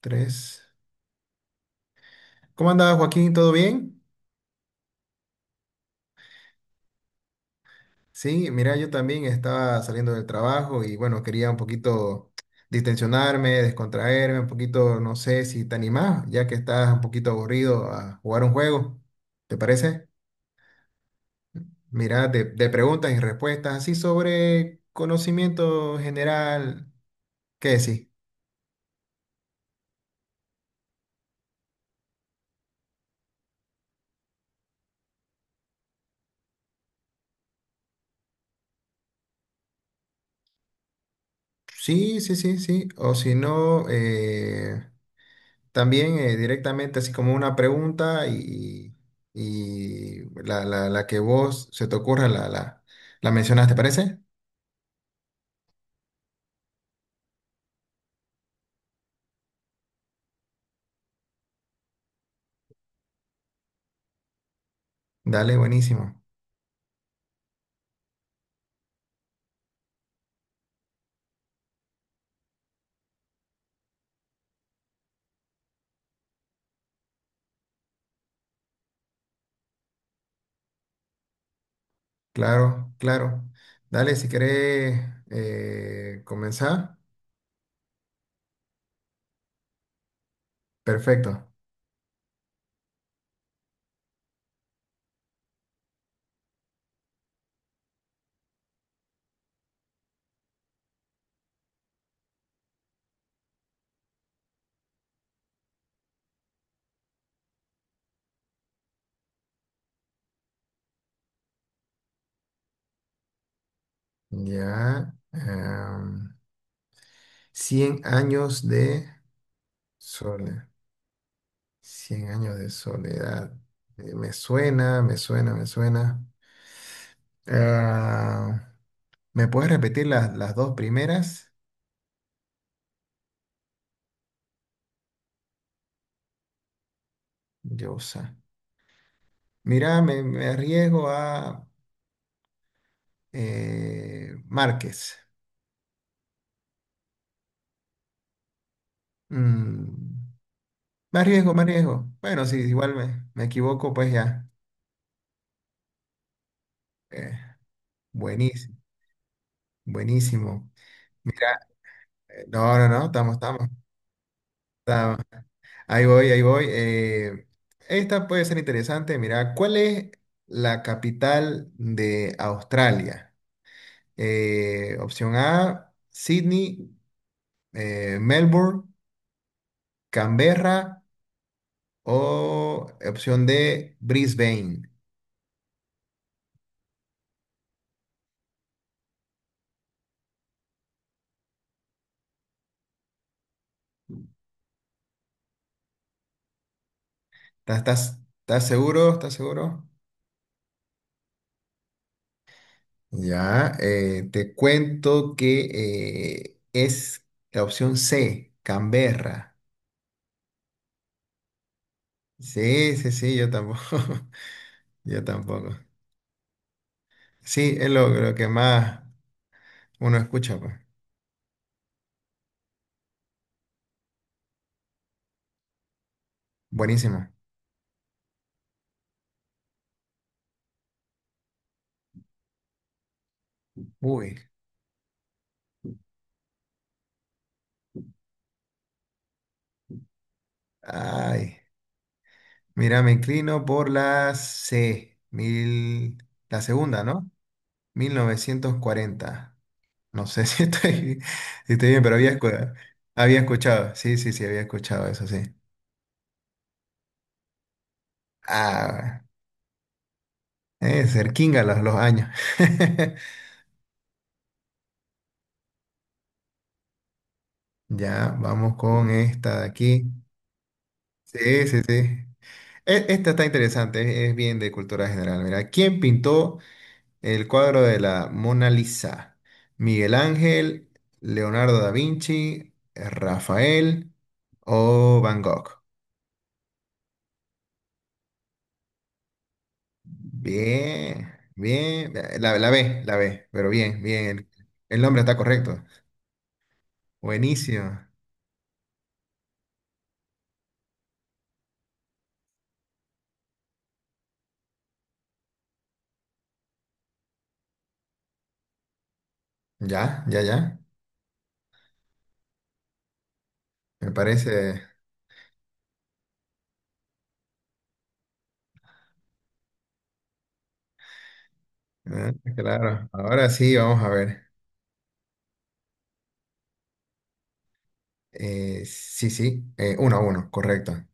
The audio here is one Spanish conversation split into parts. Tres. ¿Cómo andaba Joaquín? ¿Todo bien? Sí, mira, yo también estaba saliendo del trabajo y bueno, quería un poquito distensionarme, descontraerme, un poquito, no sé si te animás, ya que estás un poquito aburrido a jugar un juego. ¿Te parece? Mira, de preguntas y respuestas, así sobre conocimiento general. ¿Qué decís? Sí, sí, sí, sí. O si no, también directamente, así como una pregunta y, la que vos se te ocurra la mencionas, ¿te parece? Dale, buenísimo. Claro, claro. Dale, si querés comenzar. Perfecto. Ya. Cien años de soledad. Cien años de soledad. Me suena, me suena, me suena. Ah, ¿me puedes repetir las dos primeras? Llosa. Mira, me arriesgo a Márquez. Mm, Me arriesgo, me arriesgo. Bueno, si igual me equivoco, pues ya. Eh, Buenísimo, buenísimo. Mira, no, no, no, estamos, estamos. Estamos. Ahí voy, ahí voy. Esta puede ser interesante. Mira, ¿cuál es la capital de Australia? Opción A, Sydney, Melbourne, Canberra. O opción D, Brisbane. ¿Estás, estás seguro? ¿Estás seguro? Ya, te cuento que es la opción C, Canberra. Sí, sí, sí, yo tampoco. Yo tampoco. Sí, es lo que más uno escucha, pues. Buenísimo. Uy, ay. Mira, me inclino por la C, mil, la segunda, ¿no? 1940. No sé si estoy, si estoy bien, pero había, había escuchado. Sí, sí, sí, había escuchado eso, sí. Ah, cerquinga los años. Ya, vamos con esta de aquí. Sí, sí, sí. Esta está interesante, es bien de cultura general. Mira, ¿quién pintó el cuadro de la Mona Lisa? ¿Miguel Ángel, Leonardo da Vinci, Rafael o Van Gogh? Bien, bien. La B, la B, pero bien, bien. El nombre está correcto. Buenísimo. Ya, ya, ya. Me parece. Ah, claro. Ahora sí, vamos a ver. Sí, sí. Uno a uno, correcto.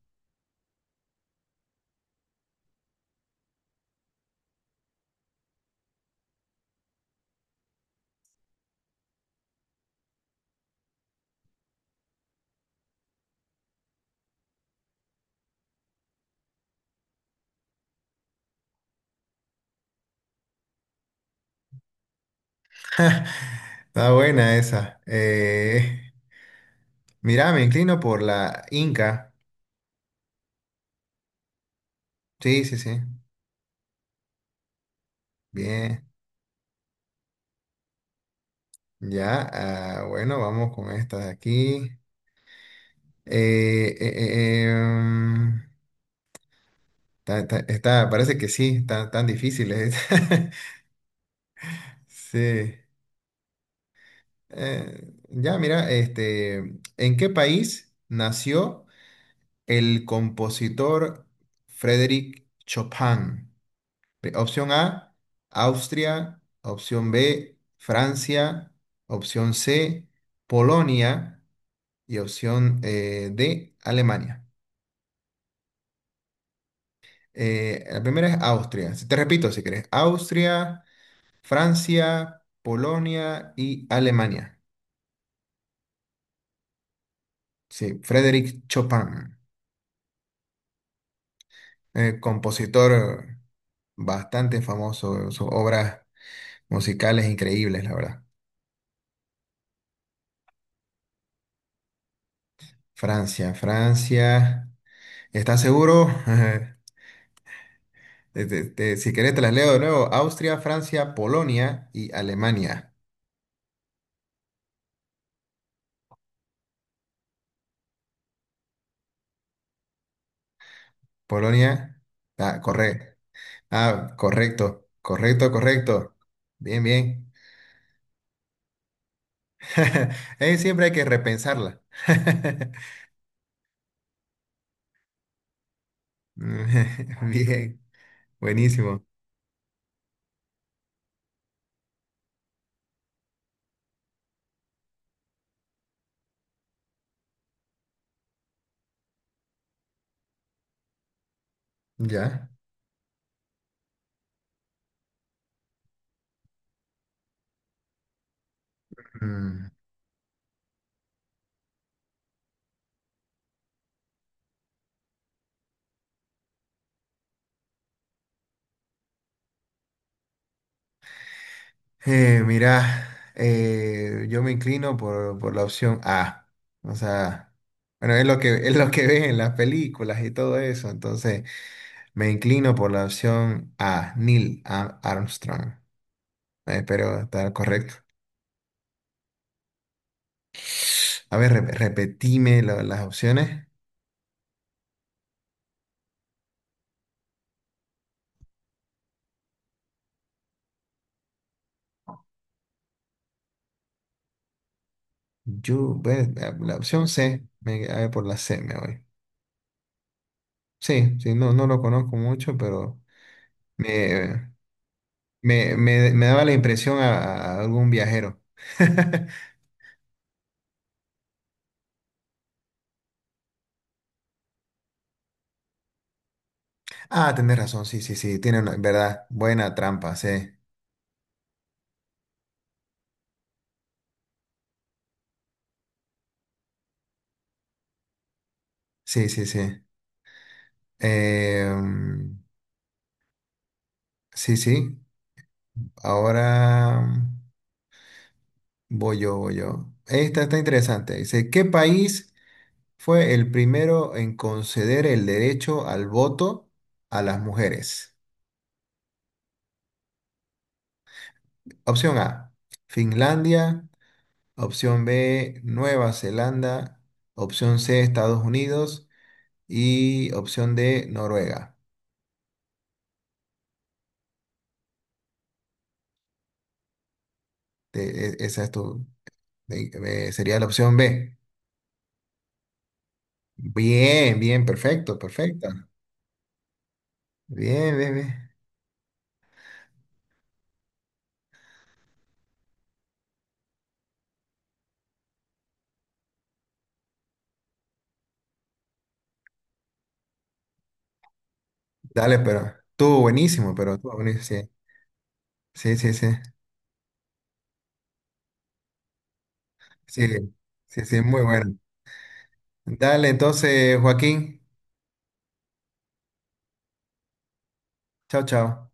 Está buena esa. Mira, me inclino por la Inca. Sí, sí, sí. Bien. Ya. Ah, bueno, vamos con esta de aquí. Eh, eh, eh, em, Está, está- parece que sí, está- tan difíciles. Sí. Ya, mira, este, ¿en qué país nació el compositor Frédéric Chopin? Opción A, Austria. Opción B, Francia. Opción C, Polonia. Y opción D, Alemania. La primera es Austria. Te repito si querés. Austria. Francia, Polonia y Alemania. Sí, Frédéric Chopin, compositor bastante famoso, sus obras musicales increíbles, la verdad. Francia, Francia. ¿Estás seguro? Si querés te las leo de nuevo. Austria, Francia, Polonia y Alemania. Polonia, ah, correcto. Ah, correcto, correcto, correcto. Bien, bien. Siempre hay que repensarla. Bien, buenísimo. Ya. Mm. Mira, yo me inclino por la opción A. O sea, bueno, es lo que, es lo que ven en las películas y todo eso. Entonces, me inclino por la opción A, Neil Armstrong. Espero estar correcto. A ver, repetime las opciones. Yo, bueno, la opción C, me, a ver, por la C me voy. Sí, sí, no, no lo conozco mucho, pero me, me, me daba la impresión a algún viajero. Ah, tenés razón, sí, sí, sí, tiene una, verdad, buena trampa, sí, sí, sí, sí. Em, sí, sí, ahora voy yo, voy yo. Esta está interesante. Dice, ¿qué país fue el primero en conceder el derecho al voto a las mujeres? Opción A, Finlandia. Opción B, Nueva Zelanda. Opción C, Estados Unidos. Y opción D, Noruega. Esa es tu, de- sería la opción B. Bien, bien, perfecto, perfecta. Bien, bien, bien. Dale, pero estuvo buenísimo, sí. Sí, sí, sí. Sí, sí, sí, muy bueno. Dale, entonces, Joaquín. Chao, chao.